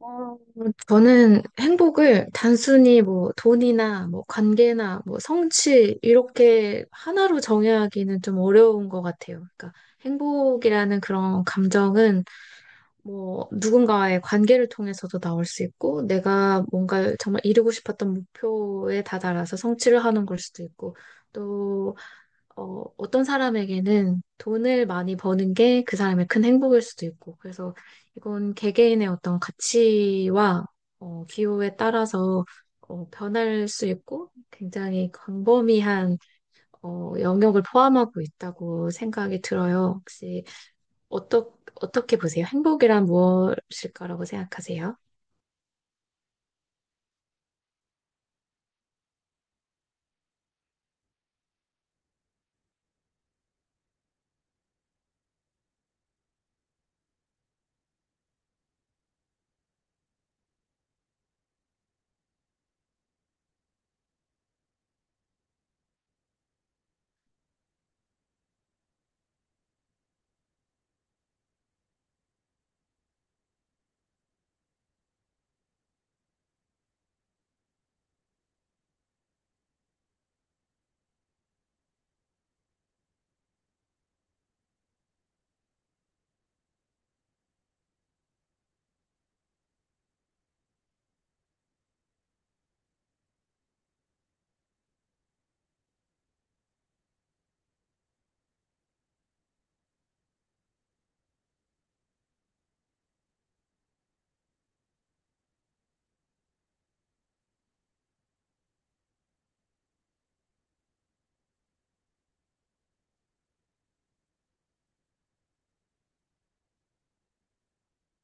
어, 저는 행복을 단순히 뭐 돈이나 뭐 관계나 뭐 성취 이렇게 하나로 정의하기는 좀 어려운 것 같아요. 그러니까 행복이라는 그런 감정은 뭐 누군가와의 관계를 통해서도 나올 수 있고 내가 뭔가 정말 이루고 싶었던 목표에 다다라서 성취를 하는 걸 수도 있고 어떤 사람에게는 돈을 많이 버는 게 그 사람의 큰 행복일 수도 있고, 그래서 이건 개개인의 어떤 가치와 기호에 따라서 변할 수 있고, 굉장히 광범위한 영역을 포함하고 있다고 생각이 들어요. 혹시 어떠, 어떻게 보세요? 행복이란 무엇일까라고 생각하세요?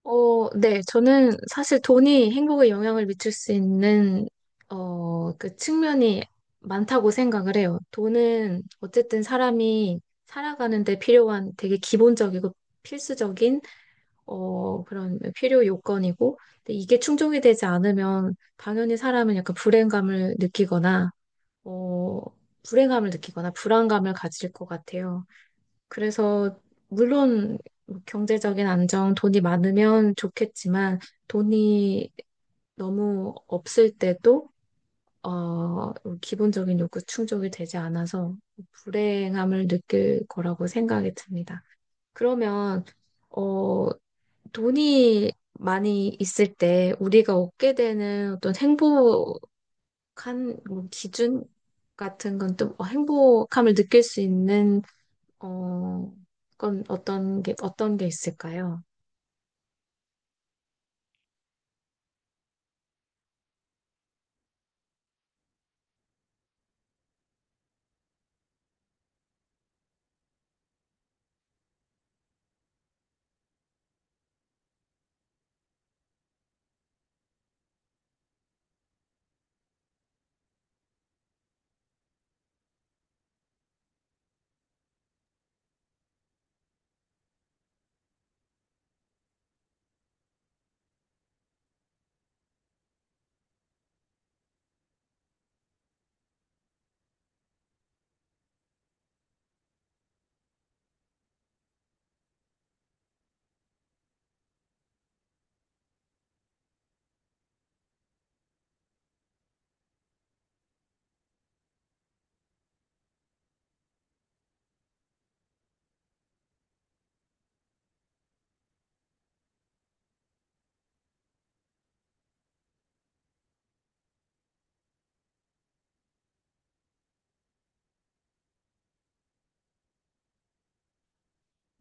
네. 저는 사실 돈이 행복에 영향을 미칠 수 있는, 그 측면이 많다고 생각을 해요. 돈은 어쨌든 사람이 살아가는 데 필요한 되게 기본적이고 필수적인, 그런 필요 요건이고, 근데 이게 충족이 되지 않으면 당연히 사람은 약간 불행감을 느끼거나, 어, 불안감을 가질 것 같아요. 그래서 물론 뭐 경제적인 안정, 돈이 많으면 좋겠지만 돈이 너무 없을 때도 어, 기본적인 욕구 충족이 되지 않아서 불행함을 느낄 거라고 생각이 듭니다. 그러면 어, 돈이 많이 있을 때 우리가 얻게 되는 어떤 행복한 뭐 기준 같은 건또 뭐 행복함을 느낄 수 있는 어, 그건 어떤 게 있을까요?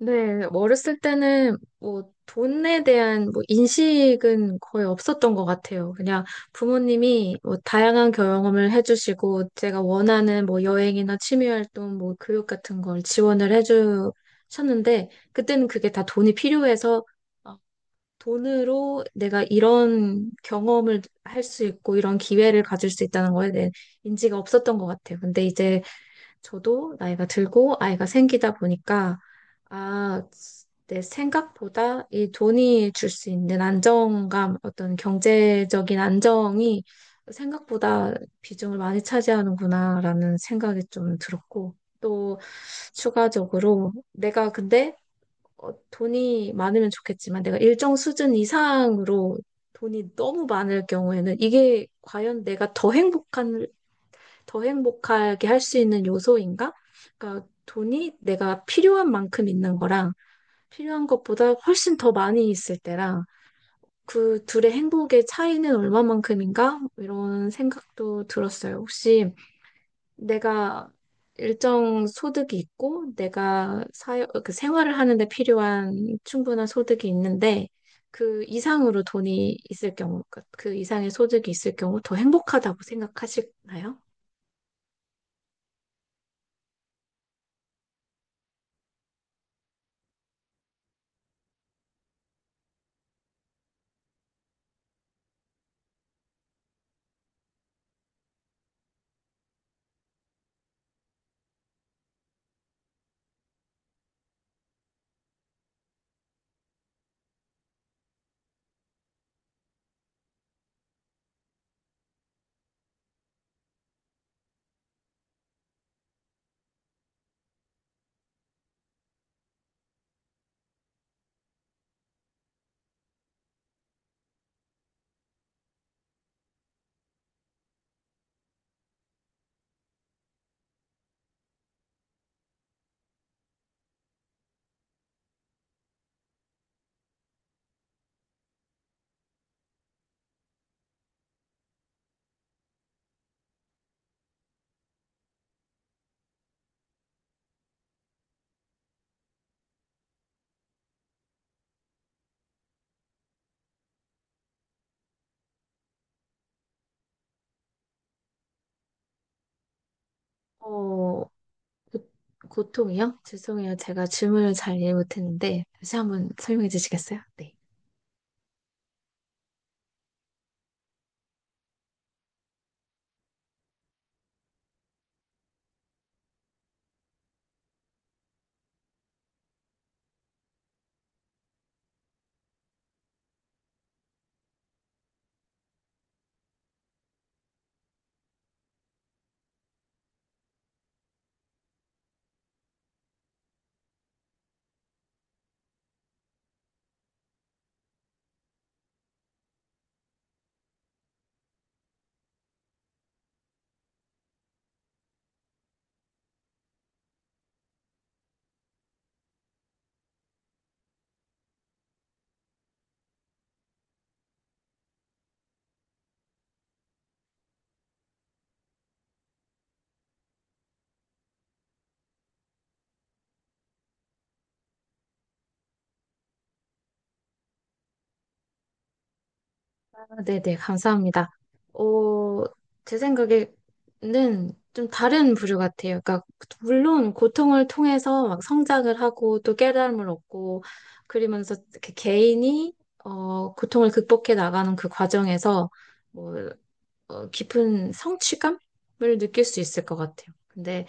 네, 어렸을 때는 뭐 돈에 대한 뭐 인식은 거의 없었던 것 같아요. 그냥 부모님이 뭐 다양한 경험을 해주시고 제가 원하는 뭐 여행이나 취미 활동, 뭐 교육 같은 걸 지원을 해주셨는데 그때는 그게 다 돈이 필요해서 어, 돈으로 내가 이런 경험을 할 수 있고 이런 기회를 가질 수 있다는 거에 대한 인지가 없었던 것 같아요. 근데 이제 저도 나이가 들고 아이가 생기다 보니까, 아, 내 생각보다 이 돈이 줄 수 있는 안정감, 어떤 경제적인 안정이 생각보다 비중을 많이 차지하는구나라는 생각이 좀 들었고, 또 추가적으로 내가 근데 돈이 많으면 좋겠지만 내가 일정 수준 이상으로 돈이 너무 많을 경우에는 이게 과연 내가 더 행복하게 할 수 있는 요소인가? 그러니까 돈이 내가 필요한 만큼 있는 거랑 필요한 것보다 훨씬 더 많이 있을 때랑 그 둘의 행복의 차이는 얼마만큼인가? 이런 생각도 들었어요. 혹시 내가 일정 소득이 있고 내가 사회, 그 생활을 하는데 필요한 충분한 소득이 있는데 그 이상으로 돈이 있을 경우, 그 이상의 소득이 있을 경우 더 행복하다고 생각하시나요? 어, 고- 고통이요? 죄송해요. 제가 질문을 잘 이해 못했는데 다시 한번 설명해 주시겠어요? 네. 아, 네네, 감사합니다. 어, 제 생각에는 좀 다른 부류 같아요. 그러니까, 물론 고통을 통해서 막 성장을 하고 또 깨달음을 얻고 그러면서 이렇게 개인이 고통을 극복해 나가는 그 과정에서 뭐, 깊은 성취감을 느낄 수 있을 것 같아요. 근데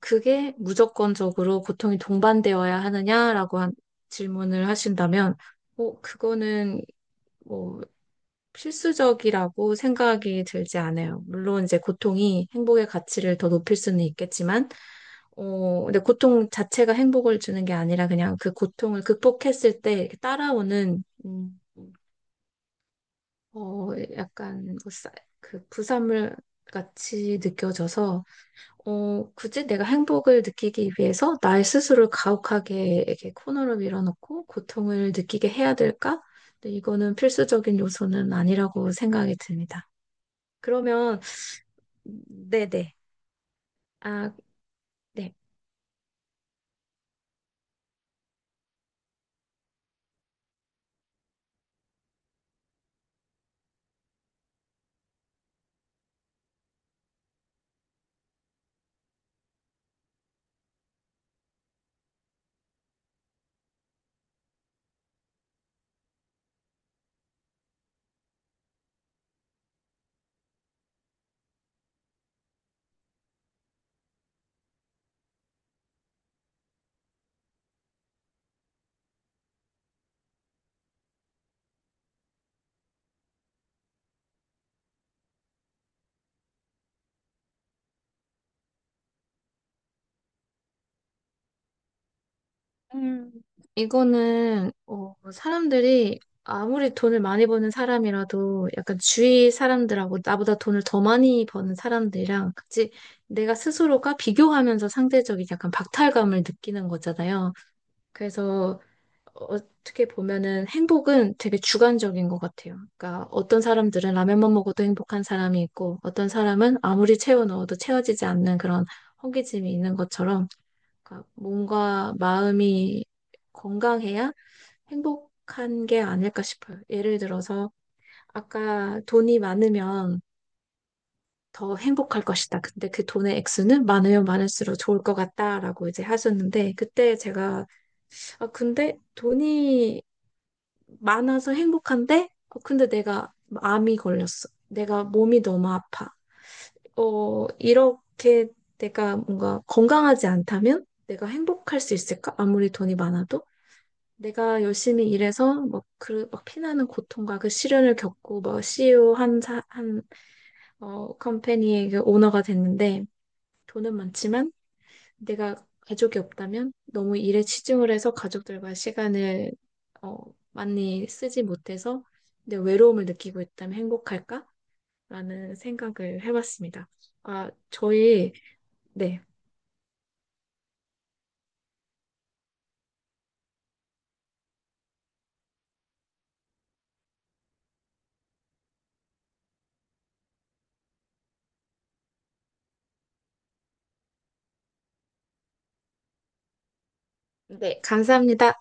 그게 무조건적으로 고통이 동반되어야 하느냐라고 한 질문을 하신다면, 뭐, 그거는 뭐 필수적이라고 생각이 들지 않아요. 물론 이제 고통이 행복의 가치를 더 높일 수는 있겠지만, 근데 고통 자체가 행복을 주는 게 아니라 그냥 그 고통을 극복했을 때 이렇게 따라오는, 어, 약간 그 부산물 같이 느껴져서, 굳이 내가 행복을 느끼기 위해서 나의 스스로를 가혹하게 이렇게 코너로 밀어넣고 고통을 느끼게 해야 될까? 근데 이거는 필수적인 요소는 아니라고 생각이 듭니다. 그러면 네네. 아, 네. 음, 이거는 사람들이 아무리 돈을 많이 버는 사람이라도 약간 주위 사람들하고 나보다 돈을 더 많이 버는 사람들이랑 같이 내가 스스로가 비교하면서 상대적인 약간 박탈감을 느끼는 거잖아요. 그래서 어떻게 보면은 행복은 되게 주관적인 것 같아요. 그러니까 어떤 사람들은 라면만 먹어도 행복한 사람이 있고 어떤 사람은 아무리 채워 넣어도 채워지지 않는 그런 허기짐이 있는 것처럼 그러니까 몸과 마음이 건강해야 행복한 게 아닐까 싶어요. 예를 들어서 아까 돈이 많으면 더 행복할 것이다. 근데 그 돈의 액수는 많으면 많을수록 좋을 것 같다라고 이제 하셨는데 그때 제가 아 근데 돈이 많아서 행복한데 근데 내가 암이 걸렸어. 내가 몸이 너무 아파. 어 이렇게 내가 뭔가 건강하지 않다면 내가 행복할 수 있을까? 아무리 돈이 많아도 내가 열심히 일해서 뭐 그 막 피나는 고통과 그 시련을 겪고 뭐 CEO 한 컴퍼니의 그 오너가 됐는데 돈은 많지만 내가 가족이 없다면 너무 일에 치중을 해서 가족들과 시간을 어, 많이 쓰지 못해서 내 외로움을 느끼고 있다면 행복할까? 라는 생각을 해봤습니다. 아, 저희 네. 네, 감사합니다.